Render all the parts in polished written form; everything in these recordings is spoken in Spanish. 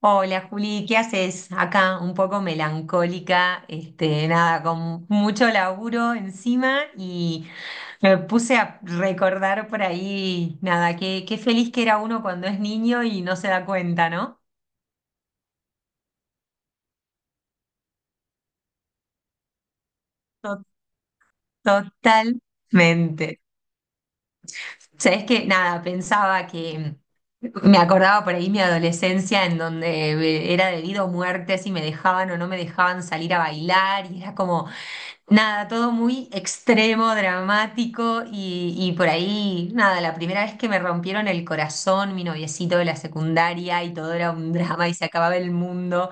Hola Juli, ¿qué haces? Acá un poco melancólica, nada, con mucho laburo encima y me puse a recordar por ahí, nada, qué feliz que era uno cuando es niño y no se da cuenta, ¿no? To- Totalmente. Sabes que nada, pensaba que me acordaba por ahí mi adolescencia en donde era debido a muerte si me dejaban o no me dejaban salir a bailar y era como nada, todo muy extremo, dramático y por ahí nada, la primera vez que me rompieron el corazón, mi noviecito de la secundaria y todo era un drama y se acababa el mundo.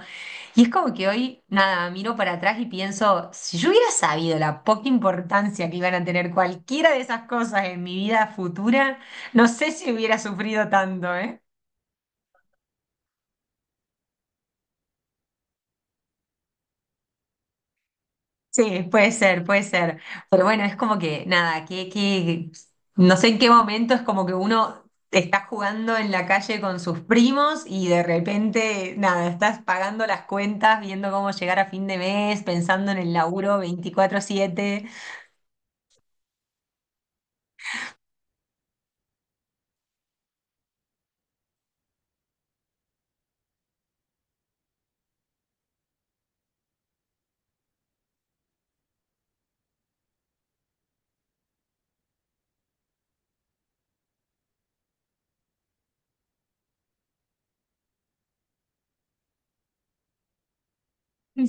Y es como que hoy, nada, miro para atrás y pienso, si yo hubiera sabido la poca importancia que iban a tener cualquiera de esas cosas en mi vida futura, no sé si hubiera sufrido tanto, ¿eh? Sí, puede ser, puede ser. Pero bueno, es como que, nada, no sé en qué momento es como que uno está jugando en la calle con sus primos y de repente, nada, estás pagando las cuentas, viendo cómo llegar a fin de mes, pensando en el laburo 24/7.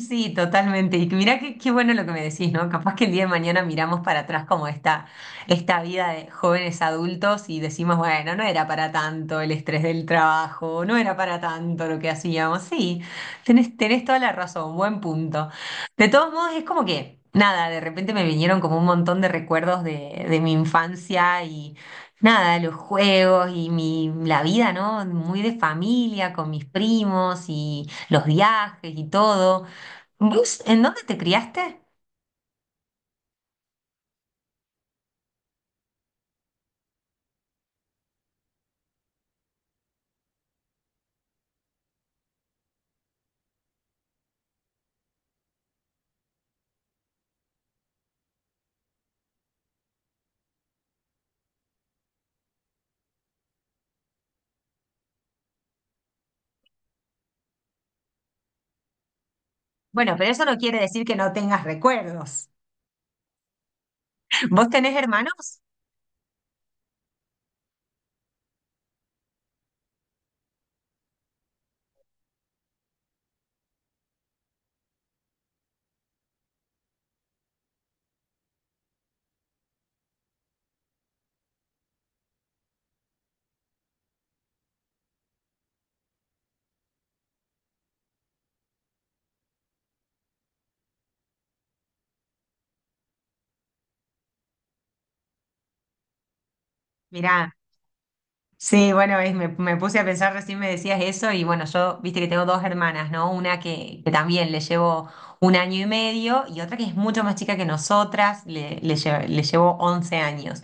Sí, totalmente. Y mira qué, qué bueno lo que me decís, ¿no? Capaz que el día de mañana miramos para atrás como esta vida de jóvenes adultos y decimos, bueno, no era para tanto el estrés del trabajo, no era para tanto lo que hacíamos. Sí, tenés toda la razón, buen punto. De todos modos, es como que, nada, de repente me vinieron como un montón de recuerdos de mi infancia y nada, los juegos y mi, la vida, ¿no? Muy de familia, con mis primos y los viajes y todo. ¿Vos en dónde te criaste? Bueno, pero eso no quiere decir que no tengas recuerdos. ¿Vos tenés hermanos? Mirá, sí, bueno, me puse a pensar, recién me decías eso y bueno, yo, viste que tengo dos hermanas, ¿no? Una que también le llevo un año y medio y otra que es mucho más chica que nosotras, le llevo 11 años.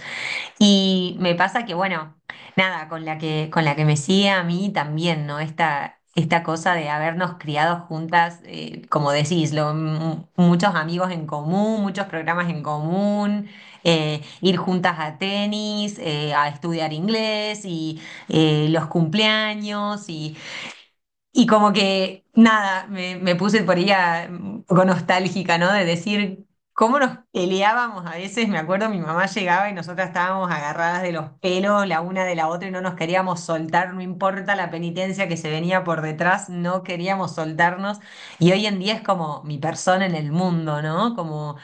Y me pasa que, bueno, nada, con con la que me sigue a mí también, ¿no? Esta cosa de habernos criado juntas, como decís, muchos amigos en común, muchos programas en común, ir juntas a tenis, a estudiar inglés y los cumpleaños y como que, nada, me puse por ella un poco nostálgica, ¿no? De decir cómo nos peleábamos a veces. Me acuerdo, mi mamá llegaba y nosotras estábamos agarradas de los pelos la una de la otra y no nos queríamos soltar, no importa la penitencia que se venía por detrás, no queríamos soltarnos. Y hoy en día es como mi persona en el mundo, ¿no? Como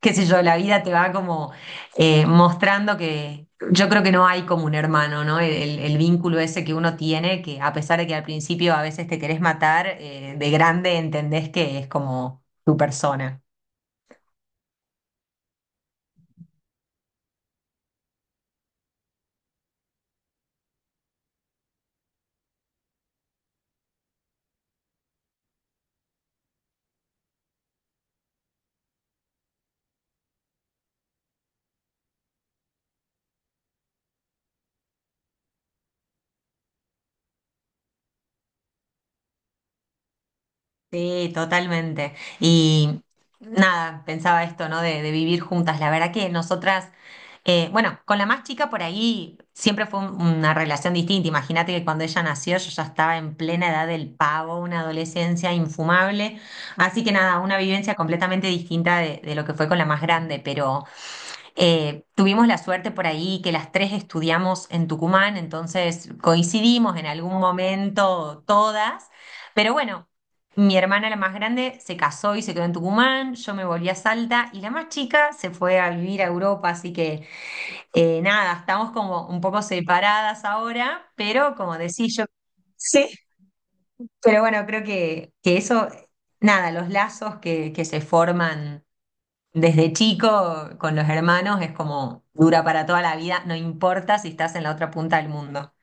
qué sé yo, la vida te va como mostrando que yo creo que no hay como un hermano, ¿no? El vínculo ese que uno tiene, que a pesar de que al principio a veces te querés matar, de grande entendés que es como tu persona. Sí, totalmente. Y nada, pensaba esto, ¿no? De vivir juntas. La verdad que nosotras, bueno, con la más chica por ahí siempre fue una relación distinta. Imagínate que cuando ella nació yo ya estaba en plena edad del pavo, una adolescencia infumable. Así que nada, una vivencia completamente distinta de lo que fue con la más grande, pero... Tuvimos la suerte por ahí que las tres estudiamos en Tucumán, entonces coincidimos en algún momento todas, pero bueno, mi hermana la más grande se casó y se quedó en Tucumán, yo me volví a Salta y la más chica se fue a vivir a Europa, así que nada, estamos como un poco separadas ahora, pero como decís yo, pero bueno, creo que eso, nada, los lazos que se forman desde chico, con los hermanos, es como dura para toda la vida, no importa si estás en la otra punta del mundo.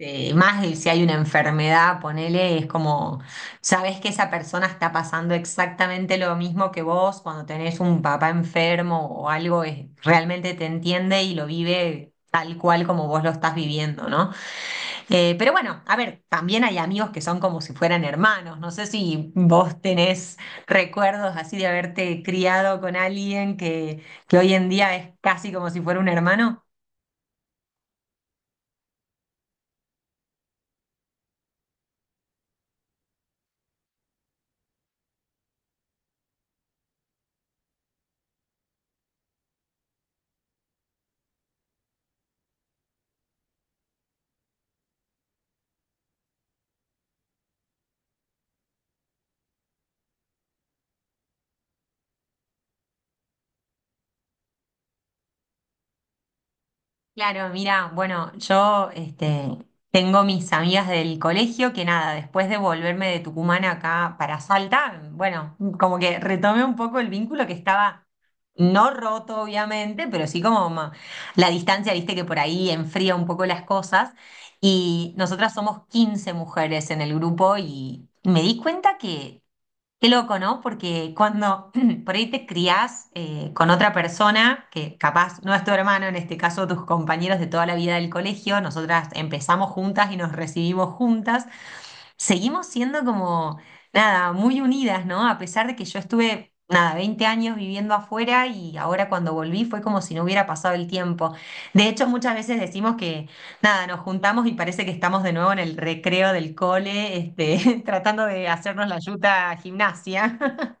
Más de si hay una enfermedad, ponele, es como, sabes que esa persona está pasando exactamente lo mismo que vos cuando tenés un papá enfermo o algo, realmente te entiende y lo vive tal cual como vos lo estás viviendo, ¿no? Pero bueno, a ver, también hay amigos que son como si fueran hermanos. No sé si vos tenés recuerdos así de haberte criado con alguien que hoy en día es casi como si fuera un hermano. Claro, mira, bueno, tengo mis amigas del colegio que nada, después de volverme de Tucumán acá para Salta, bueno, como que retomé un poco el vínculo que estaba no roto, obviamente, pero sí como la distancia, viste que por ahí enfría un poco las cosas. Y nosotras somos 15 mujeres en el grupo y me di cuenta que, qué loco, ¿no? Porque cuando por ahí te criás con otra persona, que capaz no es tu hermano, en este caso tus compañeros de toda la vida del colegio, nosotras empezamos juntas y nos recibimos juntas, seguimos siendo como, nada, muy unidas, ¿no? A pesar de que yo estuve, nada, 20 años viviendo afuera y ahora cuando volví fue como si no hubiera pasado el tiempo. De hecho, muchas veces decimos que nada, nos juntamos y parece que estamos de nuevo en el recreo del cole, tratando de hacernos la yuta gimnasia.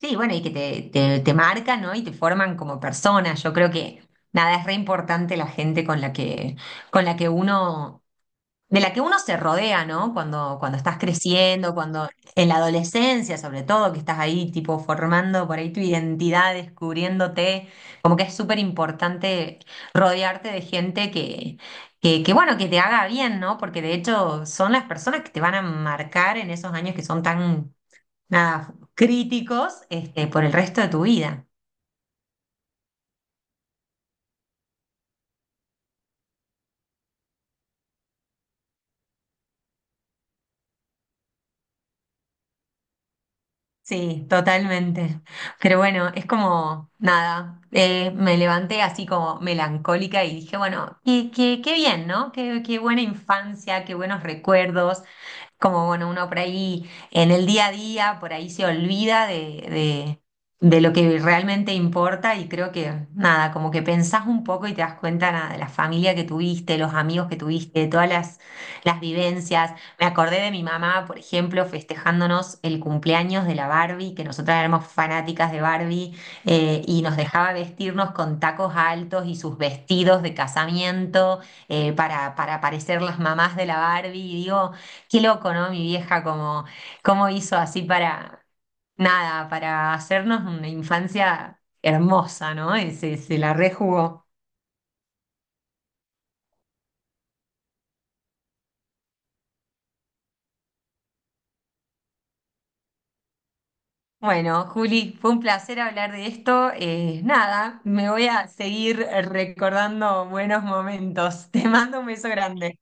Sí, bueno, y que te marcan, ¿no? Y te forman como persona. Yo creo que nada, es re importante la gente con la que uno de la que uno se rodea, ¿no? Cuando estás creciendo, cuando en la adolescencia, sobre todo, que estás ahí tipo formando por ahí tu identidad, descubriéndote, como que es súper importante rodearte de gente que, bueno, que te haga bien, ¿no? Porque de hecho son las personas que te van a marcar en esos años que son tan, nada, críticos, por el resto de tu vida. Sí, totalmente. Pero bueno, es como nada. Me levanté así como melancólica y dije, bueno, qué bien, ¿no? Qué buena infancia, qué buenos recuerdos como bueno, uno por ahí en el día a día, por ahí se olvida de lo que realmente importa y creo que nada, como que pensás un poco y te das cuenta nada, de la familia que tuviste, los amigos que tuviste, de todas las vivencias. Me acordé de mi mamá, por ejemplo, festejándonos el cumpleaños de la Barbie, que nosotras éramos fanáticas de Barbie y nos dejaba vestirnos con tacos altos y sus vestidos de casamiento para parecer las mamás de la Barbie. Y digo, qué loco, ¿no? Mi vieja, como, cómo hizo así para, nada, para hacernos una infancia hermosa, ¿no? Y se la rejugó. Bueno, Juli, fue un placer hablar de esto. Nada, me voy a seguir recordando buenos momentos. Te mando un beso grande.